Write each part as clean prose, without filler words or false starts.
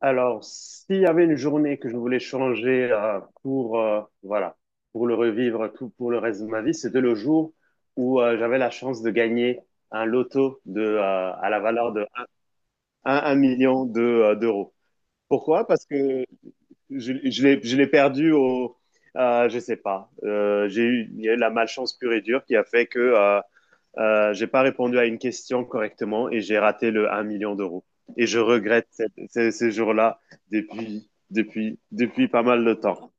Alors, s'il y avait une journée que je voulais changer pour voilà, pour le revivre tout pour le reste de ma vie, c'était le jour où j'avais la chance de gagner un loto de à la valeur de un 1 million de, d'euros. Pourquoi? Parce que je l'ai perdu au je sais pas. Il y a eu la malchance pure et dure qui a fait que j'ai pas répondu à une question correctement et j'ai raté le 1 million d'euros. Et je regrette ces jours-là depuis pas mal de temps.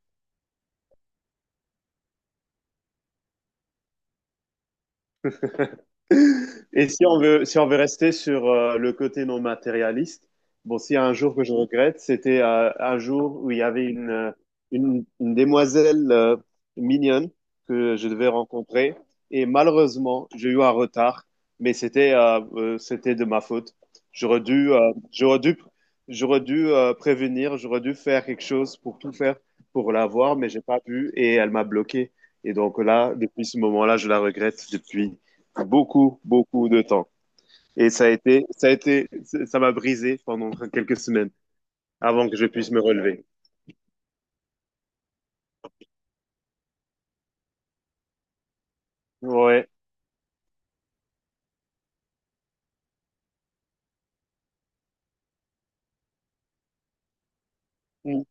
Et si on veut rester sur le côté non matérialiste, bon, s'il y a un jour que je regrette, c'était un jour où il y avait une demoiselle mignonne que je devais rencontrer. Et malheureusement, j'ai eu un retard, mais c'était de ma faute. J'aurais dû, euh, j'aurais dû, j'aurais dû prévenir, j'aurais dû faire quelque chose pour tout faire pour la voir, mais j'ai pas pu et elle m'a bloqué. Et donc là, depuis ce moment-là, je la regrette depuis beaucoup, beaucoup de temps. Et ça m'a brisé pendant quelques semaines avant que je puisse me relever. Ouais. Mhm,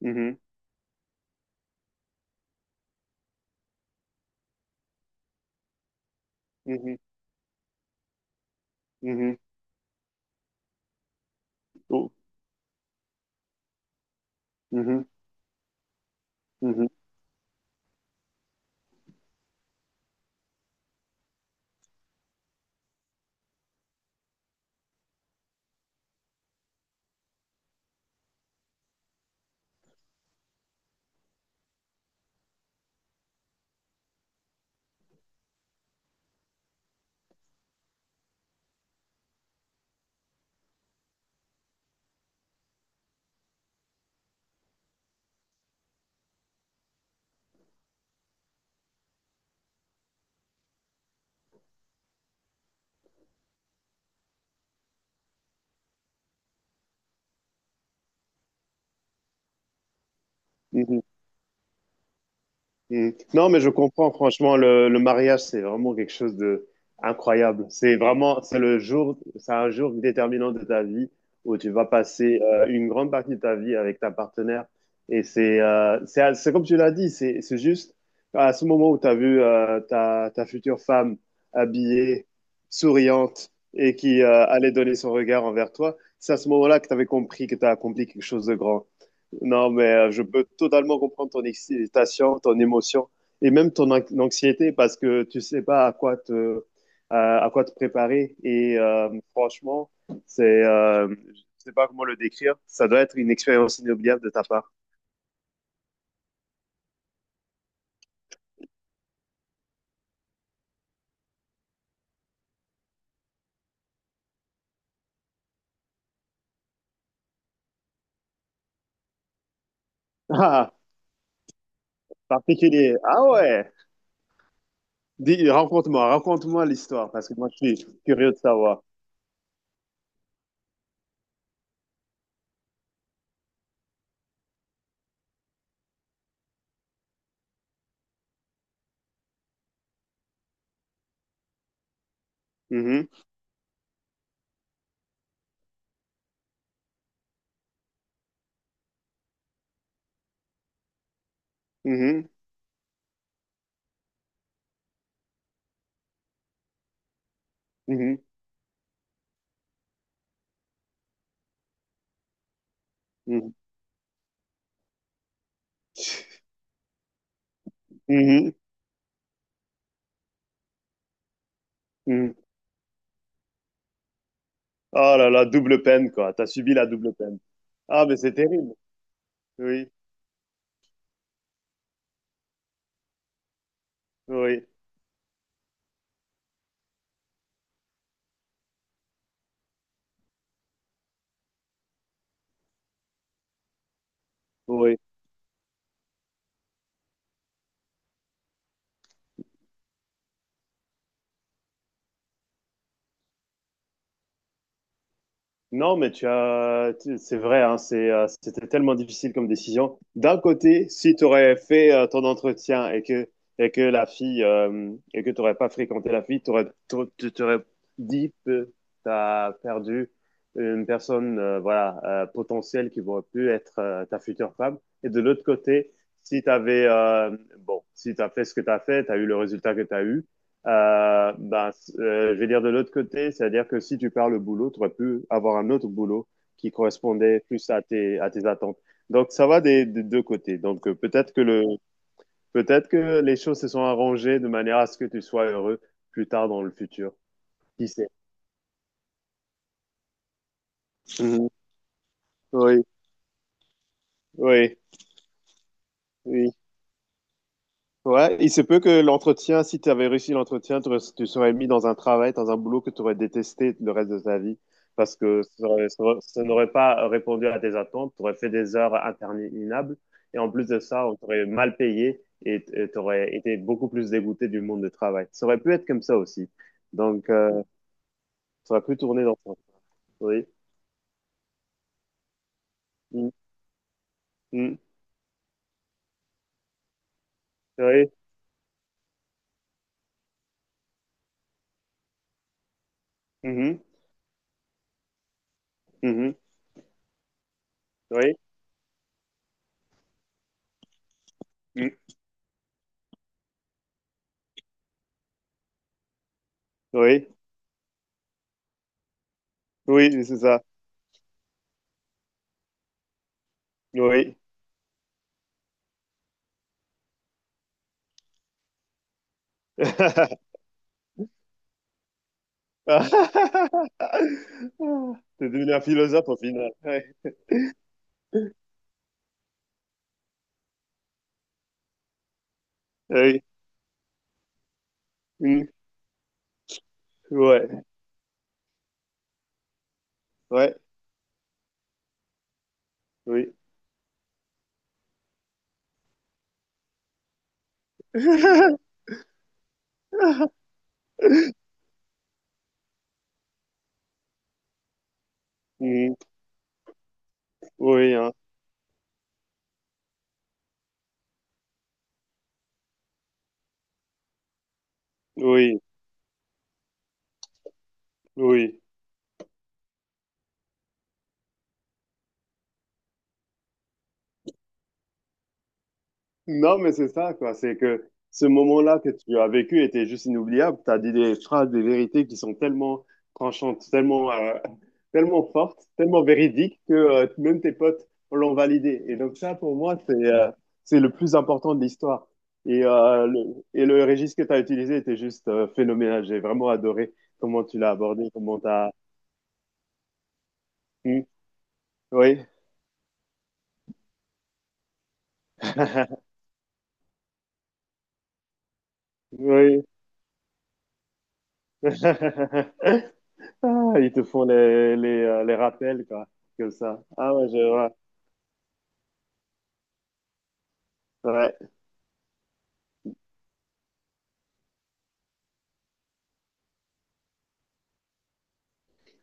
mhm, mhm, mhm. Oh, mhm, mhm, mhm. Mm. Non, mais je comprends, franchement, le mariage, c'est vraiment quelque chose de incroyable. C'est vraiment, c'est un jour déterminant de ta vie où tu vas passer une grande partie de ta vie avec ta partenaire. Et c'est comme tu l'as dit, c'est juste à ce moment où tu as vu ta future femme habillée, souriante et qui allait donner son regard envers toi, c'est à ce moment-là que tu avais compris que tu as accompli quelque chose de grand. Non, mais je peux totalement comprendre ton excitation, ton émotion et même ton anxiété parce que tu sais pas à quoi te préparer. Et franchement, je sais pas comment le décrire. Ça doit être une expérience inoubliable de ta part. Ah, particulier. Ah ouais. Dis, raconte-moi l'histoire, parce que moi, je suis curieux de savoir. Mhm, mhm, mhm, mhm, mhm, mhm. Oh là là, double peine, quoi. T'as subi la double peine. Ah, mais c'est terrible. Oui, oui, oui. Non, mais c'est vrai, hein, c'était tellement difficile comme décision. D'un côté, si tu aurais fait ton entretien et que tu n'aurais pas fréquenté la fille, tu t'aurais dit que tu as perdu une personne, voilà, potentielle qui aurait pu être ta future femme. Et de l'autre côté, si tu avais, bon, si tu as fait ce que tu as fait, tu as eu le résultat que tu as eu. Ben, je vais dire de l'autre côté, c'est-à-dire que si tu perds le boulot, tu aurais pu avoir un autre boulot qui correspondait plus à tes attentes. Donc, ça va des deux côtés. Donc, peut-être que les choses se sont arrangées de manière à ce que tu sois heureux plus tard dans le futur. Qui sait? Mhm. Oui, oui, oui. Ouais, il se peut que l'entretien, si tu avais réussi l'entretien, tu serais mis dans un travail, dans un boulot que tu aurais détesté le reste de ta vie parce que ça n'aurait pas répondu à tes attentes, tu aurais fait des heures interminables et en plus de ça, on t'aurait mal payé et tu aurais été beaucoup plus dégoûté du monde du travail. Ça aurait pu être comme ça aussi. Donc, ça aurait pu tourner dans ça. Oui. Mm, mm, oui. Mhm, mhm, oui. Mm, oui. Oui, c'est ça. Oui. T'es devenu un philosophe au final. Ouais. Oui. Mm. Ouais. Ouais. Oui. Mm. Oui, hein. Oui. Oui. Non, mais c'est ça, quoi. C'est que ce moment-là que tu as vécu était juste inoubliable. Tu as dit des phrases, des vérités qui sont tellement tranchantes, tellement, tellement fortes, tellement véridiques que même tes potes l'ont validé. Et donc ça, pour moi, c'est le plus important de l'histoire. Et, et le registre que tu as utilisé était juste phénoménal. J'ai vraiment adoré comment tu l'as abordé, comment tu as... Oui, oui. Ah, ils te font les, les rappels, quoi, comme ça. Ah ouais, je vois. Ouais.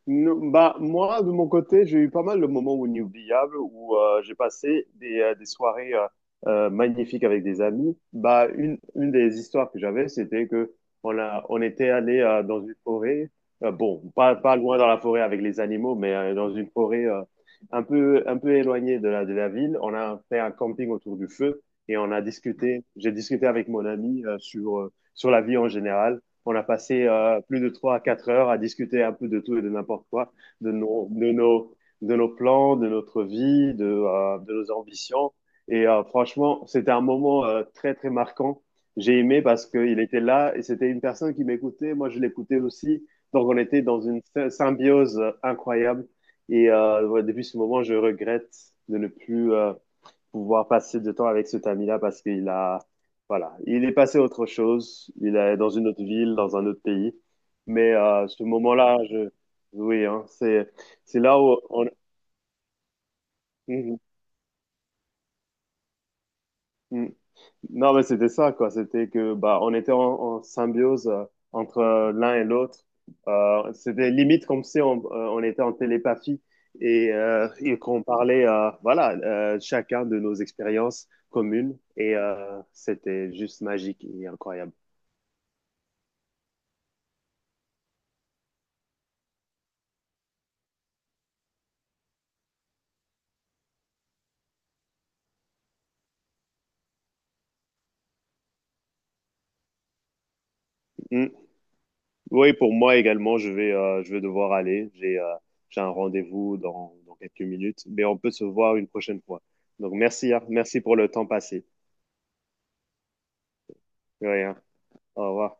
Non, bah, moi, de mon côté, j'ai eu pas mal de moments inoubliables où j'ai passé des soirées magnifiques avec des amis. Bah, une des histoires que j'avais, c'était que on était allé dans une forêt, bon, pas loin dans la forêt avec les animaux, mais dans une forêt un peu éloignée de la, ville. On a fait un camping autour du feu et j'ai discuté avec mon ami sur la vie en général. On a passé plus de 3 à 4 heures à discuter un peu de tout et de n'importe quoi, de nos, de nos, de nos plans, de notre vie, de nos ambitions. Et franchement, c'était un moment très, très marquant. J'ai aimé parce qu'il était là et c'était une personne qui m'écoutait. Moi, je l'écoutais aussi. Donc, on était dans une symbiose incroyable. Et ouais, depuis ce moment, je regrette de ne plus pouvoir passer de temps avec cet ami-là parce qu'il a, voilà, il est passé à autre chose, il est dans une autre ville, dans un autre pays. Mais ce moment-là, oui, hein, c'est, là où on, Mhm, mhm. Non, mais c'était ça, quoi. C'était que, bah, on était en symbiose entre l'un et l'autre. C'était limite comme si on était en télépathie et qu'on parlait, voilà, chacun de nos expériences communes. Et c'était juste magique et incroyable. Mm. Oui, pour moi également, je vais devoir aller. J'ai un rendez-vous dans quelques minutes, mais on peut se voir une prochaine fois. Donc, merci, hein. Merci pour le temps passé. De rien. Au revoir.